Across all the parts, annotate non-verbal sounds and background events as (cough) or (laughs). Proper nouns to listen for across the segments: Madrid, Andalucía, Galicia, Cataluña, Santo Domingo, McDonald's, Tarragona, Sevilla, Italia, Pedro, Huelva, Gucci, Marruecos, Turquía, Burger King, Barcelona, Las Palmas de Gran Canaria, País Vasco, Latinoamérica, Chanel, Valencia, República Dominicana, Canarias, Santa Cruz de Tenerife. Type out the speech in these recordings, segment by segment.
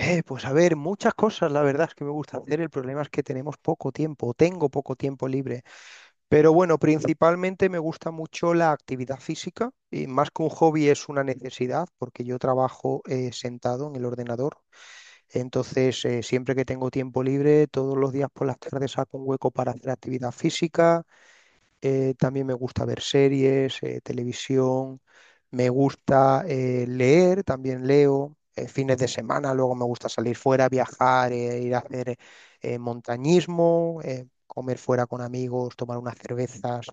Pues a ver, muchas cosas, la verdad es que me gusta hacer. El problema es que tenemos poco tiempo, o tengo poco tiempo libre. Pero bueno, principalmente me gusta mucho la actividad física y más que un hobby es una necesidad porque yo trabajo sentado en el ordenador. Entonces, siempre que tengo tiempo libre, todos los días por las tardes saco un hueco para hacer actividad física. También me gusta ver series, televisión. Me gusta leer, también leo fines de semana. Luego me gusta salir fuera, viajar, ir a hacer montañismo, comer fuera con amigos, tomar unas cervezas,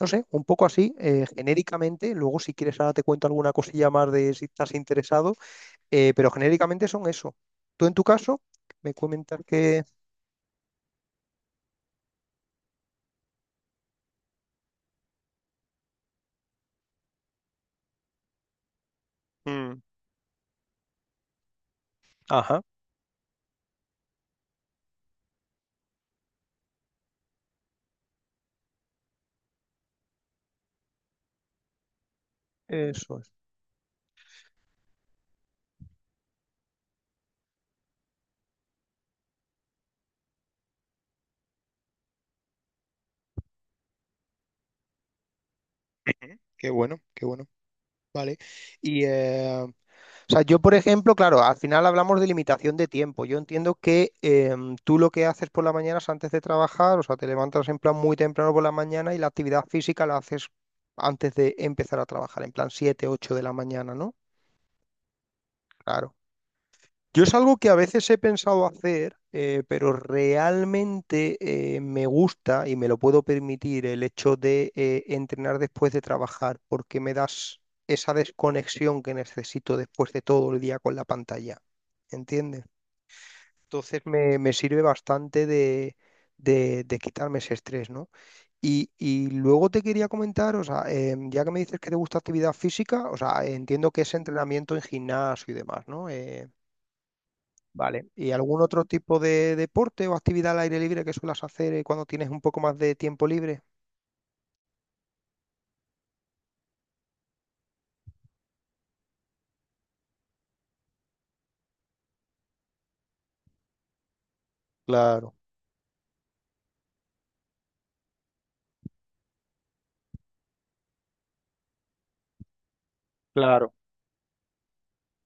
no sé, un poco así, genéricamente. Luego si quieres ahora te cuento alguna (laughs) cosilla más de si estás interesado, pero genéricamente son eso. Tú en tu caso, me comentas que... Mm. Ajá. Eso es. Qué bueno, qué bueno. Vale. Y, o sea, yo, por ejemplo, claro, al final hablamos de limitación de tiempo. Yo entiendo que tú lo que haces por las mañanas antes de trabajar, o sea, te levantas en plan muy temprano por la mañana y la actividad física la haces antes de empezar a trabajar, en plan 7 8 de la mañana, ¿no? Claro. Yo es algo que a veces he pensado hacer, pero realmente me gusta y me lo puedo permitir el hecho de entrenar después de trabajar, porque me das esa desconexión que necesito después de todo el día con la pantalla. ¿Entiendes? Entonces me sirve bastante de, de quitarme ese estrés, ¿no? Y luego te quería comentar, o sea, ya que me dices que te gusta actividad física, o sea, entiendo que es entrenamiento en gimnasio y demás, ¿no? Vale. ¿Y algún otro tipo de deporte o actividad al aire libre que suelas hacer cuando tienes un poco más de tiempo libre? Claro, claro,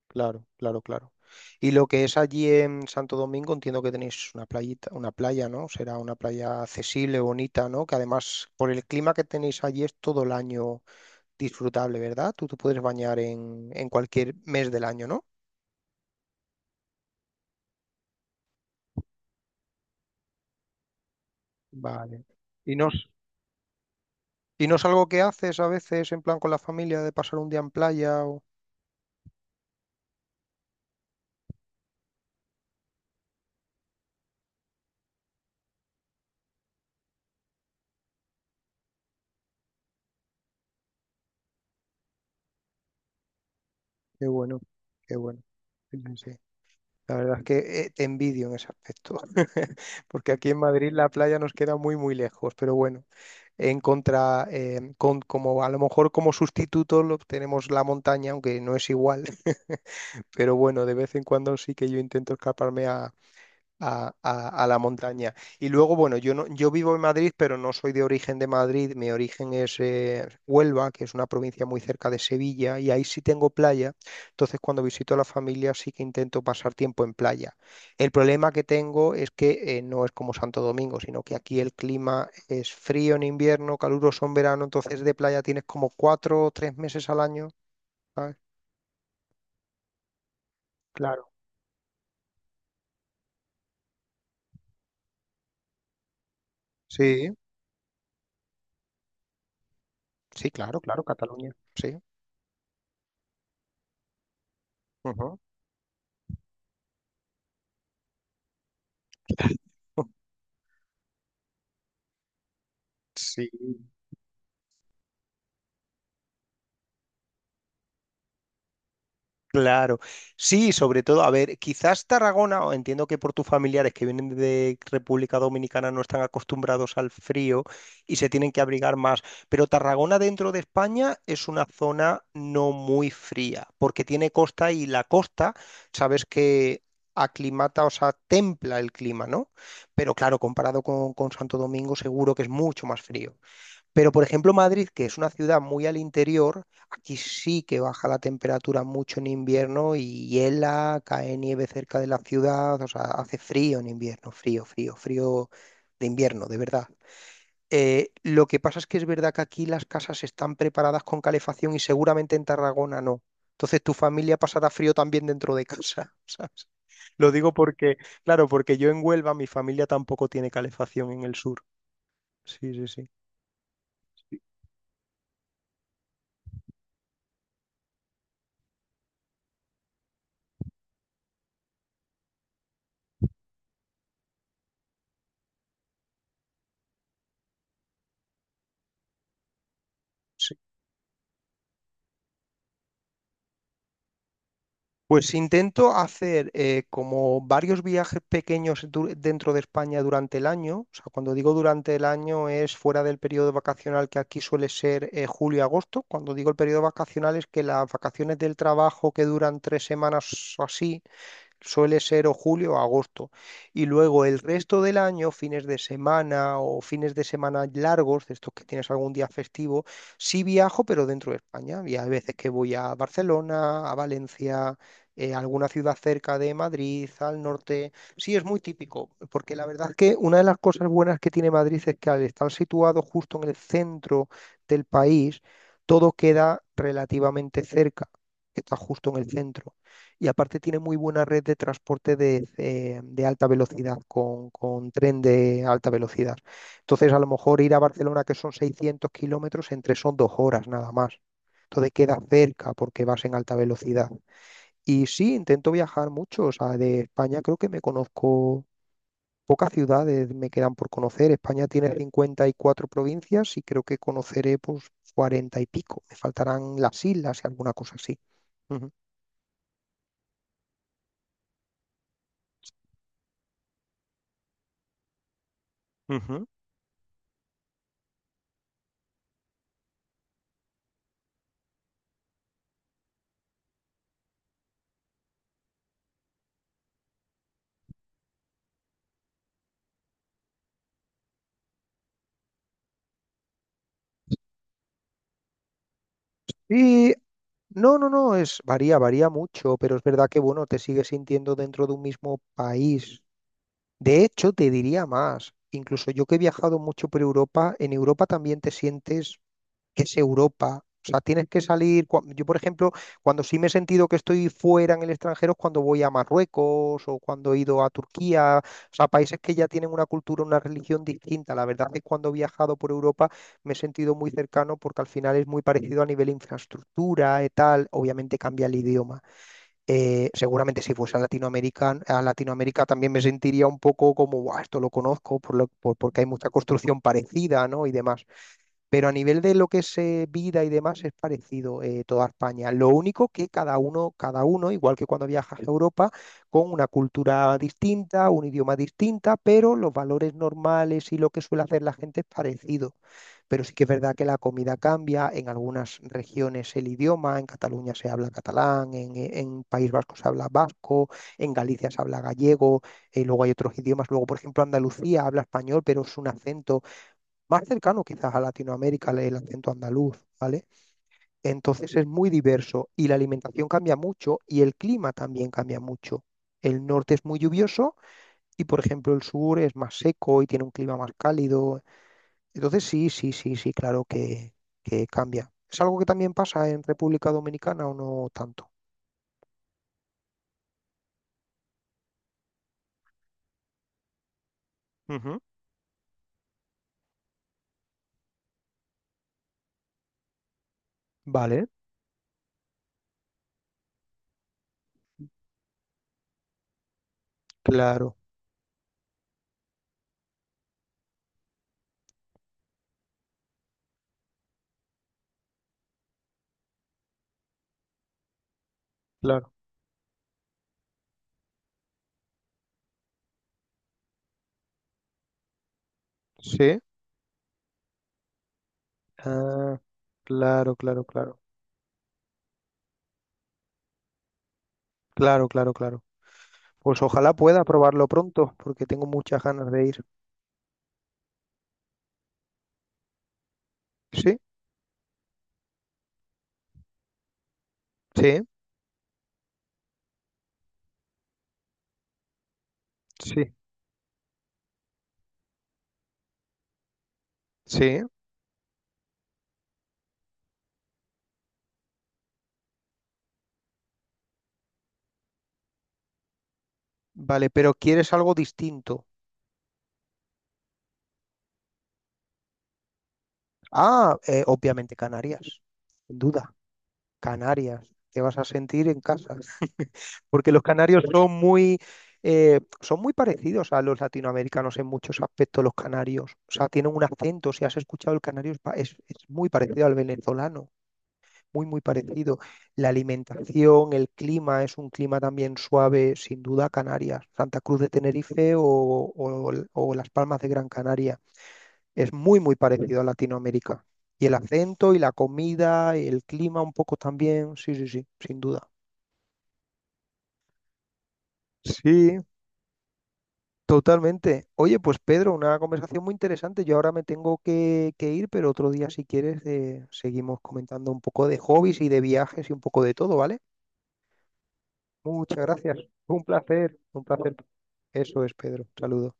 claro, claro, claro. Y lo que es allí en Santo Domingo, entiendo que tenéis una playita, una playa, ¿no? Será una playa accesible, bonita, ¿no? Que además, por el clima que tenéis allí, es todo el año disfrutable, ¿verdad? Tú te puedes bañar en cualquier mes del año, ¿no? Vale. ¿Y no, y no es algo que haces a veces en plan con la familia de pasar un día en playa o... Qué bueno, qué bueno. Sí, sí, sí. La verdad es que te envidio en ese aspecto, (laughs) porque aquí en Madrid la playa nos queda muy, muy lejos, pero bueno, en contra, como a lo mejor como sustituto lo, tenemos la montaña, aunque no es igual, (laughs) pero bueno, de vez en cuando sí que yo intento escaparme a la montaña. Y luego, bueno, yo, no, yo vivo en Madrid, pero no soy de origen de Madrid. Mi origen es Huelva, que es una provincia muy cerca de Sevilla, y ahí sí tengo playa. Entonces, cuando visito a la familia, sí que intento pasar tiempo en playa. El problema que tengo es que no es como Santo Domingo, sino que aquí el clima es frío en invierno, caluroso en verano, entonces de playa tienes como 4 o 3 meses al año, ¿sabes? Claro. Sí, sí, claro, claro, Cataluña. Sí. Ujú. (laughs) Sí. Claro. Sí, sobre todo, a ver, quizás Tarragona, o entiendo que por tus familiares que vienen de República Dominicana no están acostumbrados al frío y se tienen que abrigar más, pero Tarragona dentro de España es una zona no muy fría, porque tiene costa y la costa, sabes que aclimata, o sea, templa el clima, ¿no? Pero claro, comparado con Santo Domingo, seguro que es mucho más frío. Pero, por ejemplo, Madrid, que es una ciudad muy al interior, aquí sí que baja la temperatura mucho en invierno y hiela, cae nieve cerca de la ciudad, o sea, hace frío en invierno, frío, frío, frío de invierno, de verdad. Lo que pasa es que es verdad que aquí las casas están preparadas con calefacción y seguramente en Tarragona no. Entonces tu familia pasará frío también dentro de casa, (laughs) ¿sabes? Lo digo porque, claro, porque yo en Huelva mi familia tampoco tiene calefacción en el sur. Sí, sí, sí. Pues intento hacer como varios viajes pequeños dentro de España durante el año. O sea, cuando digo durante el año es fuera del periodo vacacional que aquí suele ser julio y agosto. Cuando digo el periodo vacacional es que las vacaciones del trabajo que duran 3 semanas o así suele ser o julio o agosto. Y luego el resto del año, fines de semana o fines de semana largos, de estos que tienes algún día festivo, sí viajo, pero dentro de España. Y hay veces que voy a Barcelona, a Valencia, a alguna ciudad cerca de Madrid, al norte. Sí, es muy típico, porque la verdad es que una de las cosas buenas que tiene Madrid es que al estar situado justo en el centro del país, todo queda relativamente cerca, que está justo en el centro y aparte tiene muy buena red de transporte de alta velocidad, con tren de alta velocidad. Entonces, a lo mejor ir a Barcelona, que son 600 kilómetros, entre son 2 horas nada más. Entonces queda cerca porque vas en alta velocidad. Y sí, intento viajar mucho. O sea, de España creo que me conozco pocas ciudades, me quedan por conocer. España tiene 54 provincias y creo que conoceré pues 40 y pico. Me faltarán las islas y alguna cosa así. Ujú. Ujú. Y No, no, no, es varía, varía mucho, pero es verdad que bueno, te sigues sintiendo dentro de un mismo país. De hecho, te diría más, incluso yo que he viajado mucho por Europa, en Europa también te sientes que es Europa. O sea, tienes que salir. Yo, por ejemplo, cuando sí me he sentido que estoy fuera en el extranjero es cuando voy a Marruecos o cuando he ido a Turquía. O sea, países que ya tienen una cultura, una religión distinta. La verdad es que cuando he viajado por Europa me he sentido muy cercano porque al final es muy parecido a nivel infraestructura y tal. Obviamente cambia el idioma. Seguramente si fuese a Latinoamérica también me sentiría un poco como, "Buah, esto lo conozco, porque hay mucha construcción parecida, ¿no? Y demás. Pero a nivel de lo que es vida y demás es parecido toda España. Lo único que cada uno, igual que cuando viajas a Europa, con una cultura distinta, un idioma distinta, pero los valores normales y lo que suele hacer la gente es parecido. Pero sí que es verdad que la comida cambia, en algunas regiones el idioma, en Cataluña se habla catalán, en País Vasco se habla vasco, en Galicia se habla gallego. Luego hay otros idiomas, luego por ejemplo Andalucía habla español, pero es un acento más cercano quizás a Latinoamérica, el acento andaluz, ¿vale? Entonces es muy diverso y la alimentación cambia mucho y el clima también cambia mucho. El norte es muy lluvioso y, por ejemplo, el sur es más seco y tiene un clima más cálido. Entonces sí, sí, sí, sí, claro que cambia. ¿Es algo que también pasa en República Dominicana o no tanto? Ujú. Vale, claro, claro. Sí. Ah, claro, claro, claro. Claro, claro, claro. Pues ojalá pueda probarlo pronto, porque tengo muchas ganas de ir. Sí, sí, sí, sí. Vale, pero quieres algo distinto. Ah, obviamente Canarias, sin duda. Canarias, te vas a sentir en casa. Porque los canarios son son muy parecidos a los latinoamericanos en muchos aspectos, los canarios. O sea, tienen un acento. Si has escuchado el canario, es, pa- es muy parecido al venezolano. Muy, muy parecido. La alimentación, el clima, es un clima también suave, sin duda, Canarias, Santa Cruz de Tenerife o Las Palmas de Gran Canaria. Es muy, muy parecido a Latinoamérica. Y el acento y la comida, y el clima un poco también, sí, sí, sí, sin duda. Sí, totalmente. Oye, pues Pedro, una conversación muy interesante. Yo ahora me tengo que ir, pero otro día, si quieres, seguimos comentando un poco de hobbies y de viajes y un poco de todo, ¿vale? Muchas gracias. Un placer, un placer. Eso es, Pedro. Saludos.